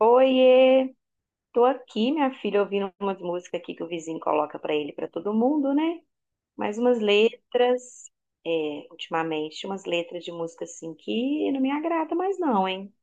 Oiê, tô aqui, minha filha, ouvindo umas músicas aqui que o vizinho coloca pra ele, pra todo mundo, né? Mais umas letras, é, ultimamente, umas letras de música assim que não me agrada mais não, hein?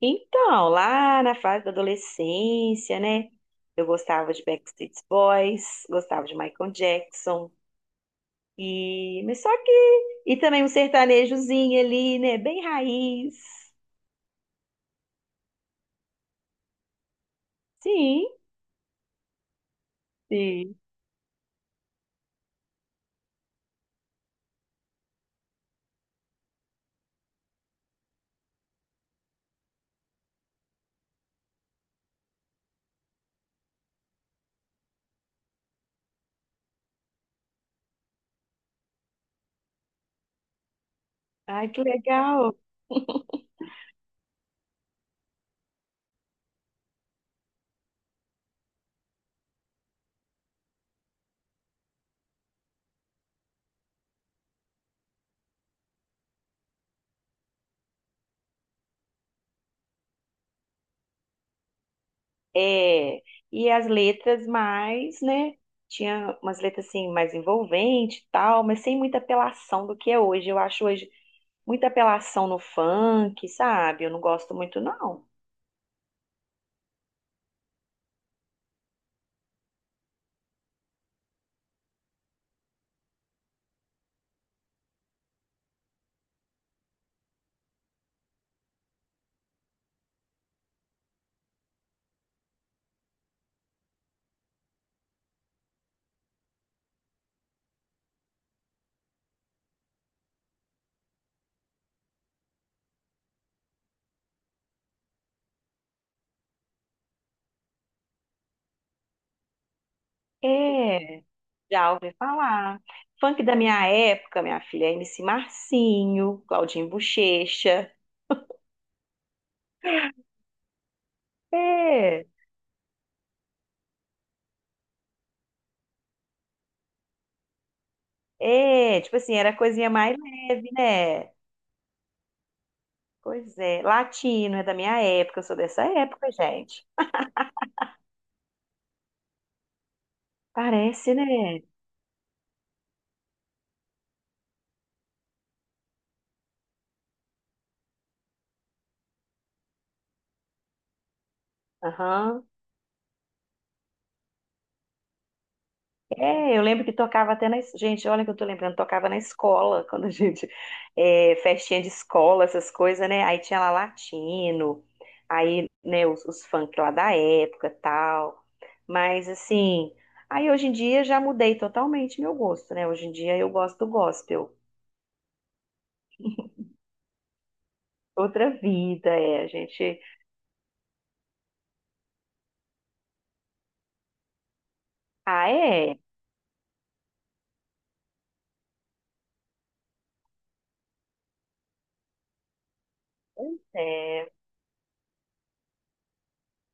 Então, lá na fase da adolescência, né? Eu gostava de Backstreet Boys, gostava de Michael Jackson e mas só que e também um sertanejozinho ali, né? Bem raiz. Sim, sim. Ai, que legal. É, e as letras mais, né? Tinha umas letras assim mais envolvente e tal, mas sem muita apelação do que é hoje. Eu acho hoje muita apelação no funk, sabe? Eu não gosto muito, não. É, já ouvi falar. Funk da minha época, minha filha, MC Marcinho, Claudinho Bochecha. É, é, tipo assim, era coisinha mais leve, né? Pois é, latino é da minha época, eu sou dessa época, gente. Parece, né? Aham. É, eu lembro que tocava até na. Gente, olha que eu tô lembrando, tocava na escola, quando a gente. É, festinha de escola, essas coisas, né? Aí tinha lá latino, aí, né, os funk lá da época tal. Mas, assim. Aí hoje em dia já mudei totalmente meu gosto, né? Hoje em dia eu gosto do gospel. Outra vida, é. A gente. Ah, é. É.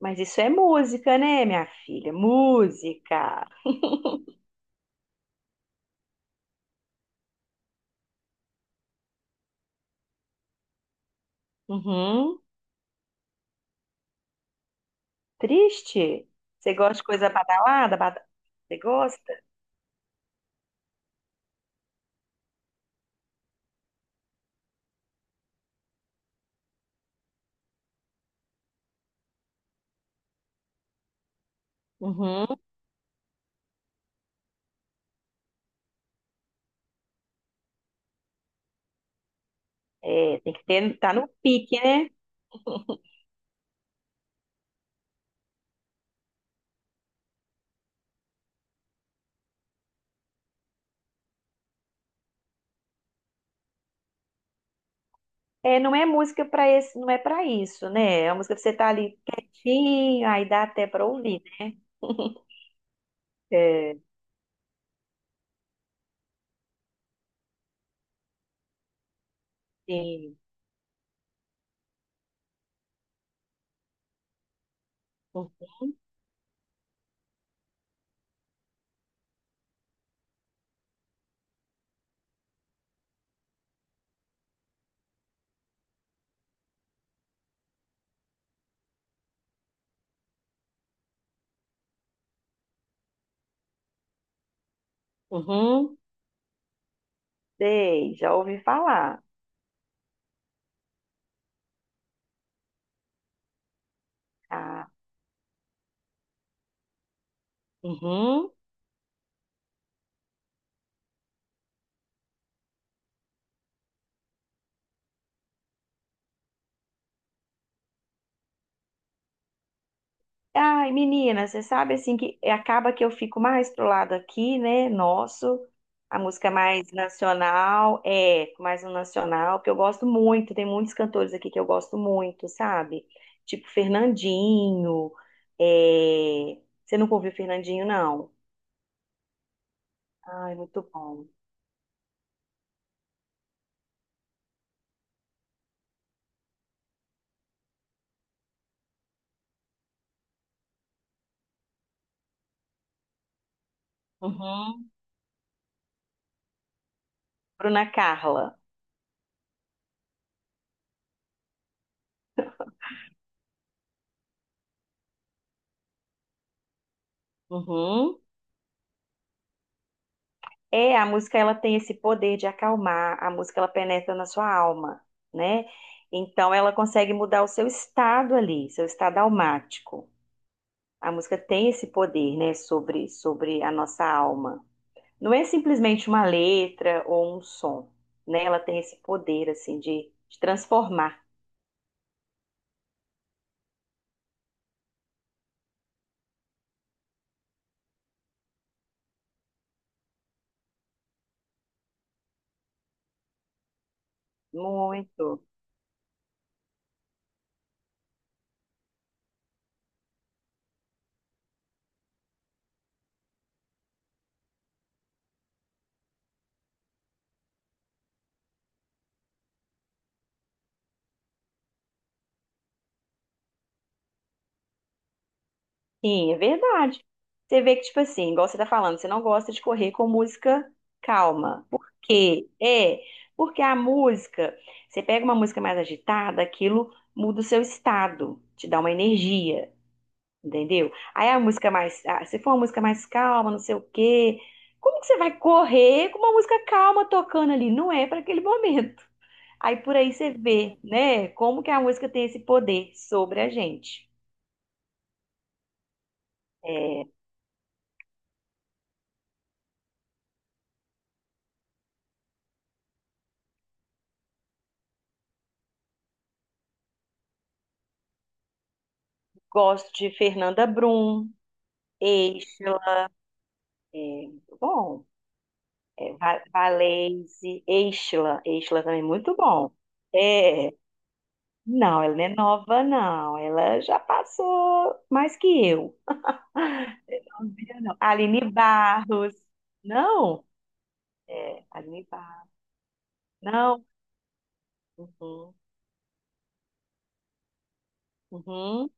Mas isso é música, né, minha filha? Música. Uhum. Triste? Você gosta de coisa badalada? Você gosta? Uhum. É, tem que ter, tá no pique, né? É, não é música para esse, não é para isso, né? É uma música que você tá ali quietinho, aí dá até para ouvir. É, sim. Uhum. Sei, já ouvi falar. Ah, uhum. Ai, menina, você sabe assim que acaba que eu fico mais pro lado aqui, né? Nosso, a música mais nacional, é, mais um nacional, que eu gosto muito, tem muitos cantores aqui que eu gosto muito, sabe? Tipo Fernandinho, é... você nunca ouviu Fernandinho, não? Ai, muito bom. Uhum. Bruna Carla. Uhum. É, a música ela tem esse poder de acalmar, a música ela penetra na sua alma, né? Então ela consegue mudar o seu estado ali, seu estado almático. A música tem esse poder, né, sobre a nossa alma. Não é simplesmente uma letra ou um som, né? Ela tem esse poder assim de transformar. Muito. Sim, é verdade. Você vê que, tipo assim, igual você tá falando, você não gosta de correr com música calma. Por quê? É, porque a música, você pega uma música mais agitada, aquilo muda o seu estado, te dá uma energia, entendeu? Aí a música mais, ah, se for uma música mais calma, não sei o quê, como que você vai correr com uma música calma tocando ali? Não é para aquele momento. Aí por aí você vê, né, como que a música tem esse poder sobre a gente. É, gosto de Fernanda Brum. Eixla, é, muito bom. Valese, Eixla, Eixla também é muito bom. É, não, ela não é nova, não. Ela já passou mais que eu. Não, vira, não. Aline Barros. Não? É, Aline Barros. Não. Uhum, uhum.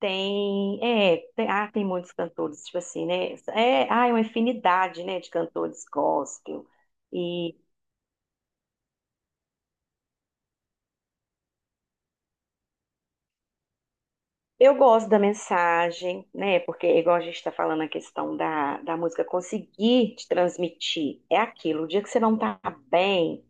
Tem, é, tem, ah, tem muitos cantores, tipo assim, né? É, ah, é uma infinidade, né, de cantores gospel. Eu gosto da mensagem, né? Porque, igual a gente está falando, a questão da música conseguir te transmitir é aquilo. O dia que você não tá bem,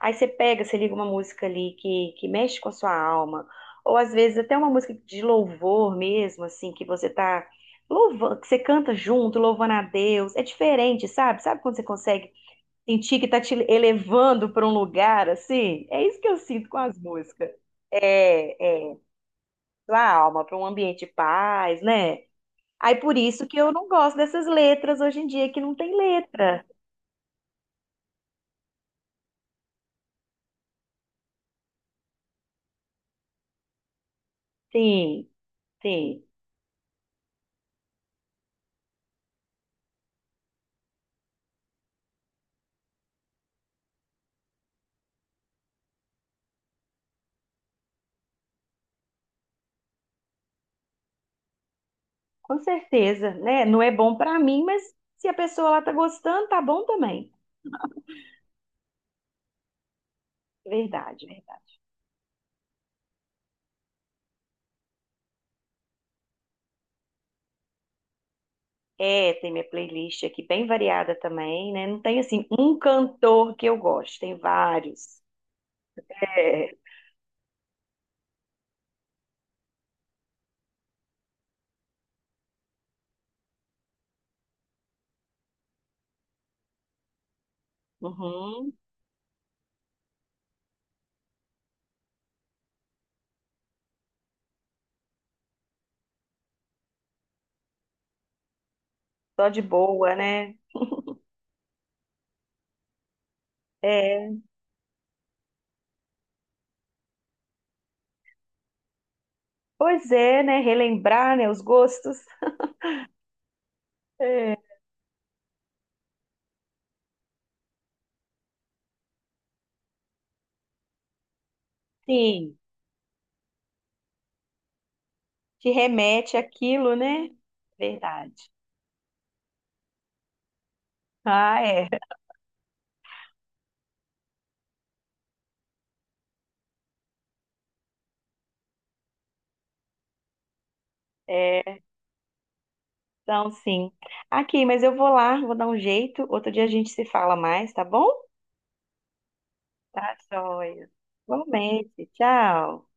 aí você pega, você liga uma música ali que mexe com a sua alma, ou às vezes até uma música de louvor mesmo, assim, que você tá louvando, que você canta junto, louvando a Deus. É diferente, sabe? Sabe quando você consegue sentir que tá te elevando para um lugar assim? É isso que eu sinto com as músicas. É, é sua alma para um ambiente de paz, né? Aí por isso que eu não gosto dessas letras hoje em dia que não tem letra. Sim, sim, com certeza, né? Não é bom para mim, mas se a pessoa lá tá gostando, tá bom também. Verdade, verdade. É, tem minha playlist aqui bem variada também, né? Não tem assim um cantor que eu gosto, tem vários. É, uhum, só de boa, né? É, pois é, né? Relembrar, né, os gostos. É, sim. Te remete àquilo, né? Verdade. Ah, é. É, então sim. Aqui, mas eu vou lá, vou dar um jeito. Outro dia a gente se fala mais, tá bom? Tá, joia. Igualmente. Tchau.